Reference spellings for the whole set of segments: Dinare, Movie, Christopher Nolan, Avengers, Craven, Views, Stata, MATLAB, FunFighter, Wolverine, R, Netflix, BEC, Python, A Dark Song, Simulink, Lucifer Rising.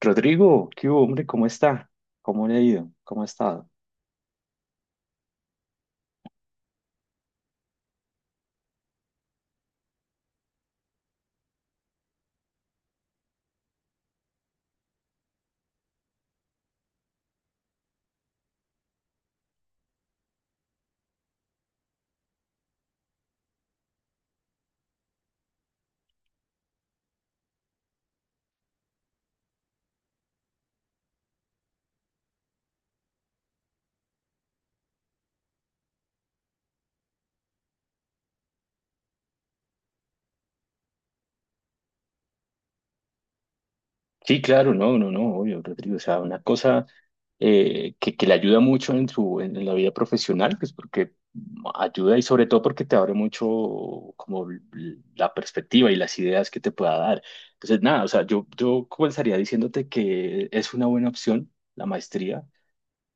Rodrigo, ¿qué hubo, hombre? ¿Cómo está? ¿Cómo le ha ido? ¿Cómo ha estado? Sí, claro, no, no, no, obvio, Rodrigo. O sea, una cosa que le ayuda mucho en en la vida profesional, pues porque ayuda y sobre todo porque te abre mucho como la perspectiva y las ideas que te pueda dar. Entonces, nada, o sea, yo comenzaría diciéndote que es una buena opción la maestría,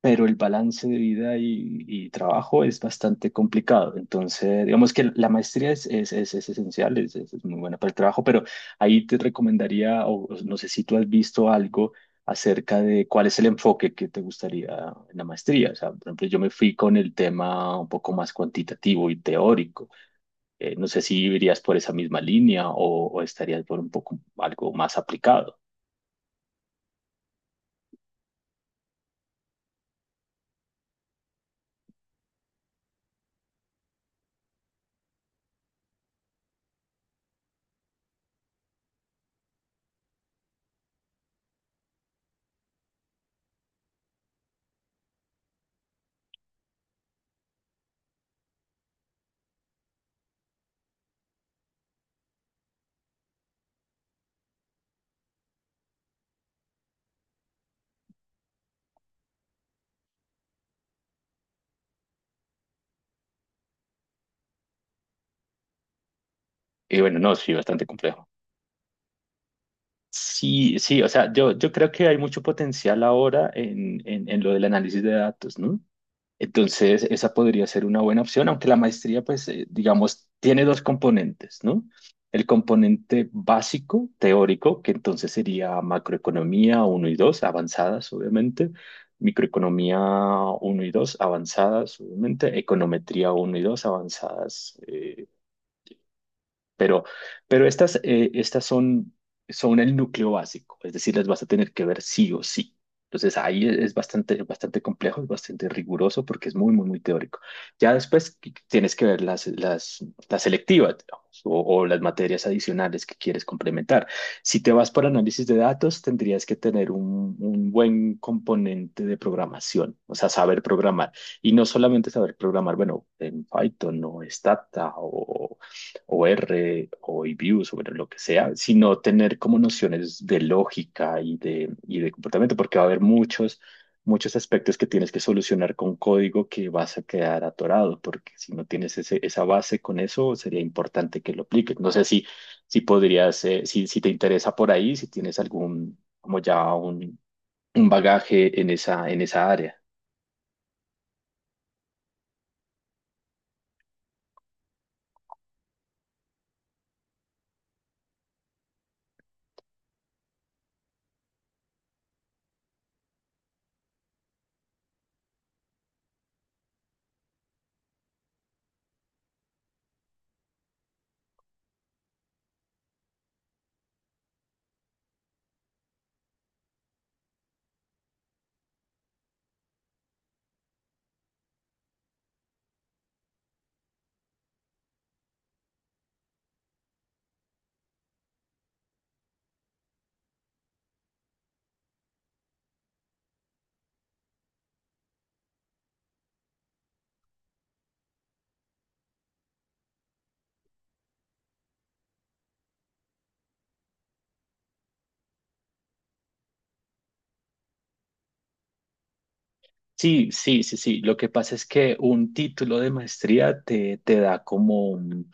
pero el balance de vida y trabajo es bastante complicado. Entonces, digamos que la maestría es esencial, es muy buena para el trabajo, pero ahí te recomendaría, o no sé si tú has visto algo acerca de cuál es el enfoque que te gustaría en la maestría. O sea, por ejemplo, yo me fui con el tema un poco más cuantitativo y teórico. No sé si irías por esa misma línea o estarías por un poco algo más aplicado. Y bueno, no, sí, bastante complejo. Sí, sí, o sea, yo creo que hay mucho potencial ahora en lo del análisis de datos, ¿no? Entonces, esa podría ser una buena opción, aunque la maestría, pues, digamos, tiene dos componentes, ¿no? El componente básico, teórico, que entonces sería macroeconomía uno y 2 avanzadas, obviamente, microeconomía uno y 2 avanzadas, obviamente, econometría uno y 2 avanzadas, pero, pero estas, estas son el núcleo básico, es decir, las vas a tener que ver sí o sí. Entonces ahí es bastante, bastante complejo, es bastante riguroso porque es muy, muy, muy teórico. Ya después tienes que ver las selectivas, digamos, o las materias adicionales que quieres complementar. Si te vas por análisis de datos, tendrías que tener un buen componente de programación, o sea, saber programar. Y no solamente saber programar, bueno, en Python o Stata o R o Views o bueno lo que sea, sino tener como nociones de lógica y y de comportamiento, porque va a haber muchos aspectos que tienes que solucionar con código que vas a quedar atorado, porque si no tienes esa base con eso, sería importante que lo apliques. No sé si, si podrías, si te interesa por ahí, si tienes algún, como ya un bagaje en esa área. Sí, sí, sí, sí. Lo que pasa es que un título de maestría te da como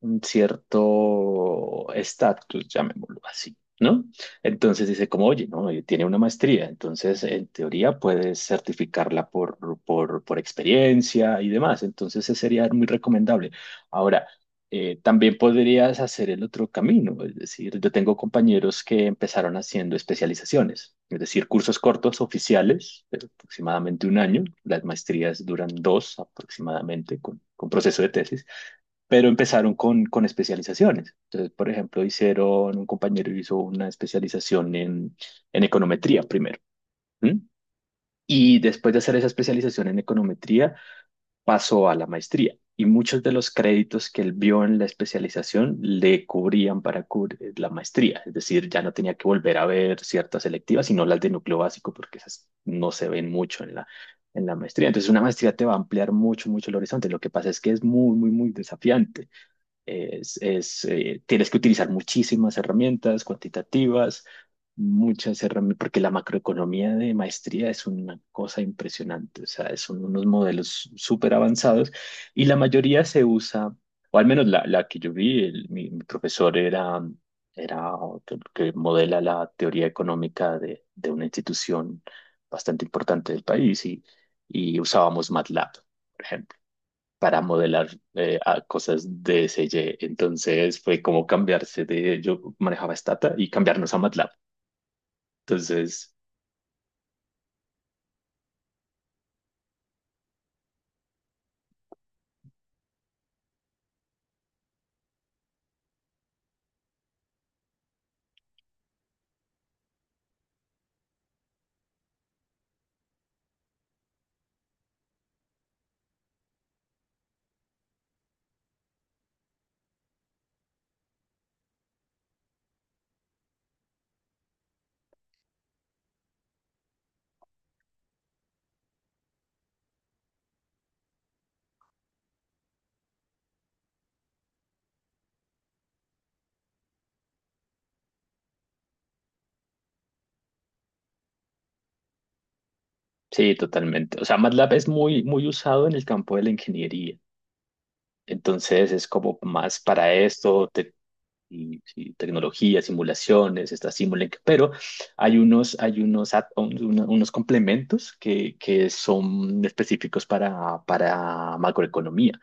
un cierto estatus, llamémoslo así, ¿no? Entonces dice como, oye, no, tiene una maestría, entonces en teoría puedes certificarla por experiencia y demás, entonces ese sería muy recomendable. Ahora, también podrías hacer el otro camino, es decir, yo tengo compañeros que empezaron haciendo especializaciones, es decir, cursos cortos oficiales, pero aproximadamente un año, las maestrías duran dos aproximadamente con proceso de tesis, pero empezaron con especializaciones. Entonces, por ejemplo, hicieron, un compañero hizo una especialización en econometría primero. ¿M? Y después de hacer esa especialización en econometría, pasó a la maestría y muchos de los créditos que él vio en la especialización le cubrían para cubrir la maestría, es decir, ya no tenía que volver a ver ciertas selectivas, sino las de núcleo básico, porque esas no se ven mucho en la maestría. Entonces, una maestría te va a ampliar mucho, mucho el horizonte. Lo que pasa es que es muy, muy, muy desafiante. Tienes que utilizar muchísimas herramientas cuantitativas, muchas herramientas, porque la macroeconomía de maestría es una cosa impresionante, o sea, son unos modelos súper avanzados y la mayoría se usa, o al menos la que yo vi, mi profesor era, era otro que modela la teoría económica de una institución bastante importante del país y usábamos MATLAB, por ejemplo, para modelar a cosas de CG. Entonces fue como cambiarse de, yo manejaba Stata y cambiarnos a MATLAB. Entonces, sí, totalmente. O sea, MATLAB es muy, muy usado en el campo de la ingeniería. Entonces es como más para esto, y tecnología, simulaciones, está Simulink, pero hay unos add-ons, unos complementos que son específicos para macroeconomía,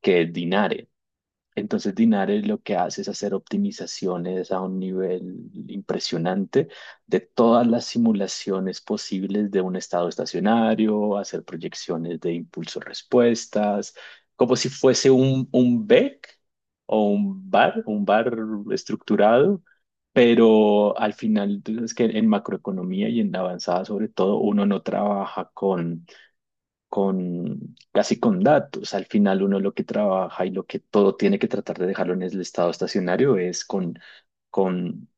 que es Dinare. Entonces Dinares lo que hace es hacer optimizaciones a un nivel impresionante de todas las simulaciones posibles de un estado estacionario, hacer proyecciones de impulso-respuestas, como si fuese un BEC o un bar estructurado, pero al final, tú sabes que en macroeconomía y en la avanzada sobre todo, uno no trabaja con casi con datos. Al final uno lo que trabaja y lo que todo tiene que tratar de dejarlo en el estado estacionario es con,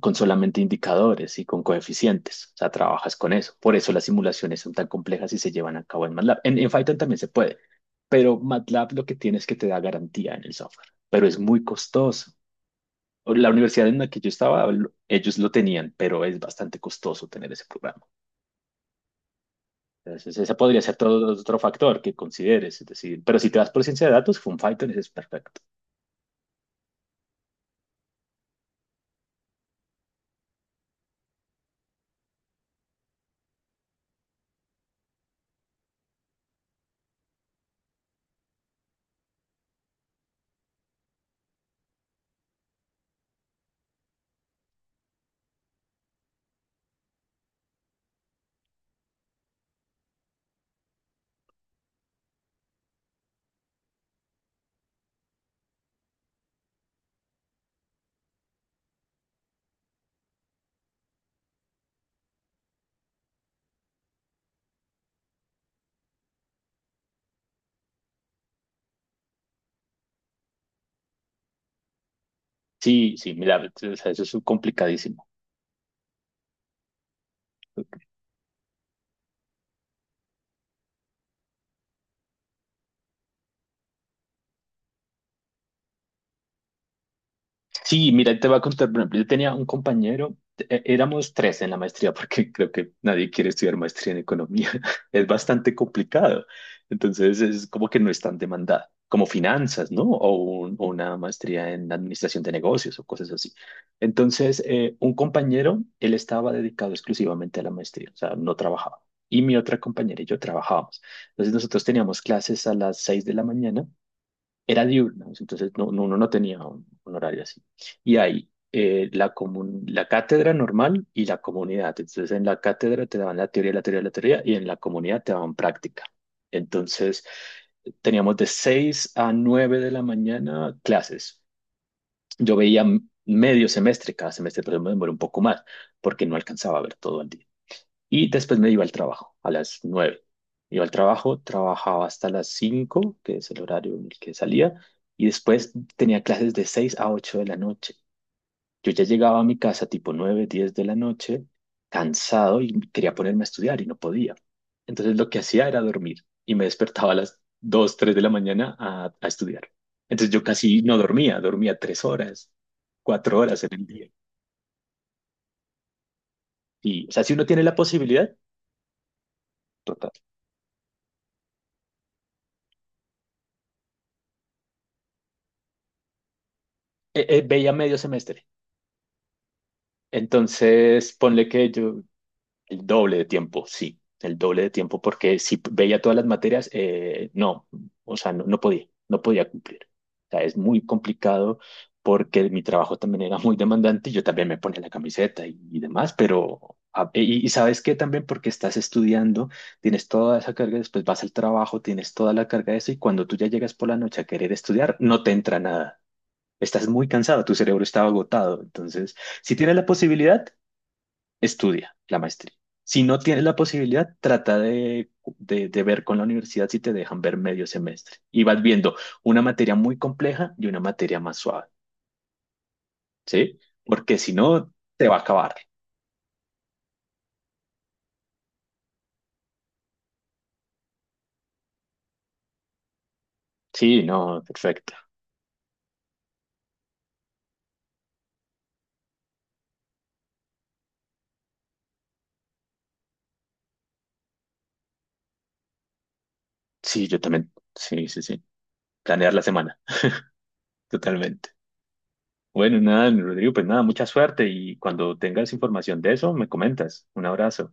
con solamente indicadores y con coeficientes. O sea, trabajas con eso. Por eso las simulaciones son tan complejas y se llevan a cabo en MATLAB. En Python también se puede, pero MATLAB lo que tiene es que te da garantía en el software, pero es muy costoso. La universidad en la que yo estaba, ellos lo tenían, pero es bastante costoso tener ese programa. Entonces, ese podría ser todo otro factor que consideres. Es decir, pero si te vas por ciencia de datos, FunFighter ese es perfecto. Sí, sí, mira, o sea, eso es complicadísimo. Sí, mira, te voy a contar, por ejemplo, yo tenía un compañero, éramos tres en la maestría, porque creo que nadie quiere estudiar maestría en economía, es bastante complicado, entonces es como que no es tan demandada, como finanzas, ¿no? O, o una maestría en administración de negocios o cosas así. Entonces, un compañero, él estaba dedicado exclusivamente a la maestría, o sea, no trabajaba. Y mi otra compañera y yo trabajábamos. Entonces, nosotros teníamos clases a las seis de la mañana, era diurnos, entonces uno no tenía un horario así. Y hay la cátedra normal y la comunidad. Entonces en la cátedra te daban la teoría y en la comunidad te daban práctica. Entonces teníamos de 6 a 9 de la mañana clases. Yo veía medio semestre, cada semestre, entonces me demoré un poco más porque no alcanzaba a ver todo el día. Y después me iba al trabajo, a las nueve. Iba al trabajo, trabajaba hasta las cinco, que es el horario en el que salía, y después tenía clases de 6 a 8 de la noche. Yo ya llegaba a mi casa tipo 9 10 de la noche, cansado, y quería ponerme a estudiar y no podía. Entonces lo que hacía era dormir y me despertaba a las 2 3 de la mañana a estudiar. Entonces yo casi no dormía, dormía 3 horas, 4 horas en el día. Y, o sea, si uno tiene la posibilidad, total. Veía medio semestre. Entonces, ponle que yo, el doble de tiempo, sí, el doble de tiempo, porque si veía todas las materias, no, o sea, no, no podía cumplir. O sea, es muy complicado porque mi trabajo también era muy demandante y yo también me ponía la camiseta y demás, pero, y sabes qué también, porque estás estudiando, tienes toda esa carga, después vas al trabajo, tienes toda la carga de eso y cuando tú ya llegas por la noche a querer estudiar, no te entra nada. Estás muy cansado, tu cerebro está agotado, entonces… Si tienes la posibilidad, estudia la maestría. Si no tienes la posibilidad, trata de, de ver con la universidad si te dejan ver medio semestre. Y vas viendo una materia muy compleja y una materia más suave, ¿sí? Porque si no, te va a acabar. Sí, no, perfecto. Sí, yo también. Sí, sí, sí. Planear la semana, totalmente. Bueno, nada, Rodrigo, pues nada, mucha suerte y cuando tengas información de eso, me comentas. Un abrazo.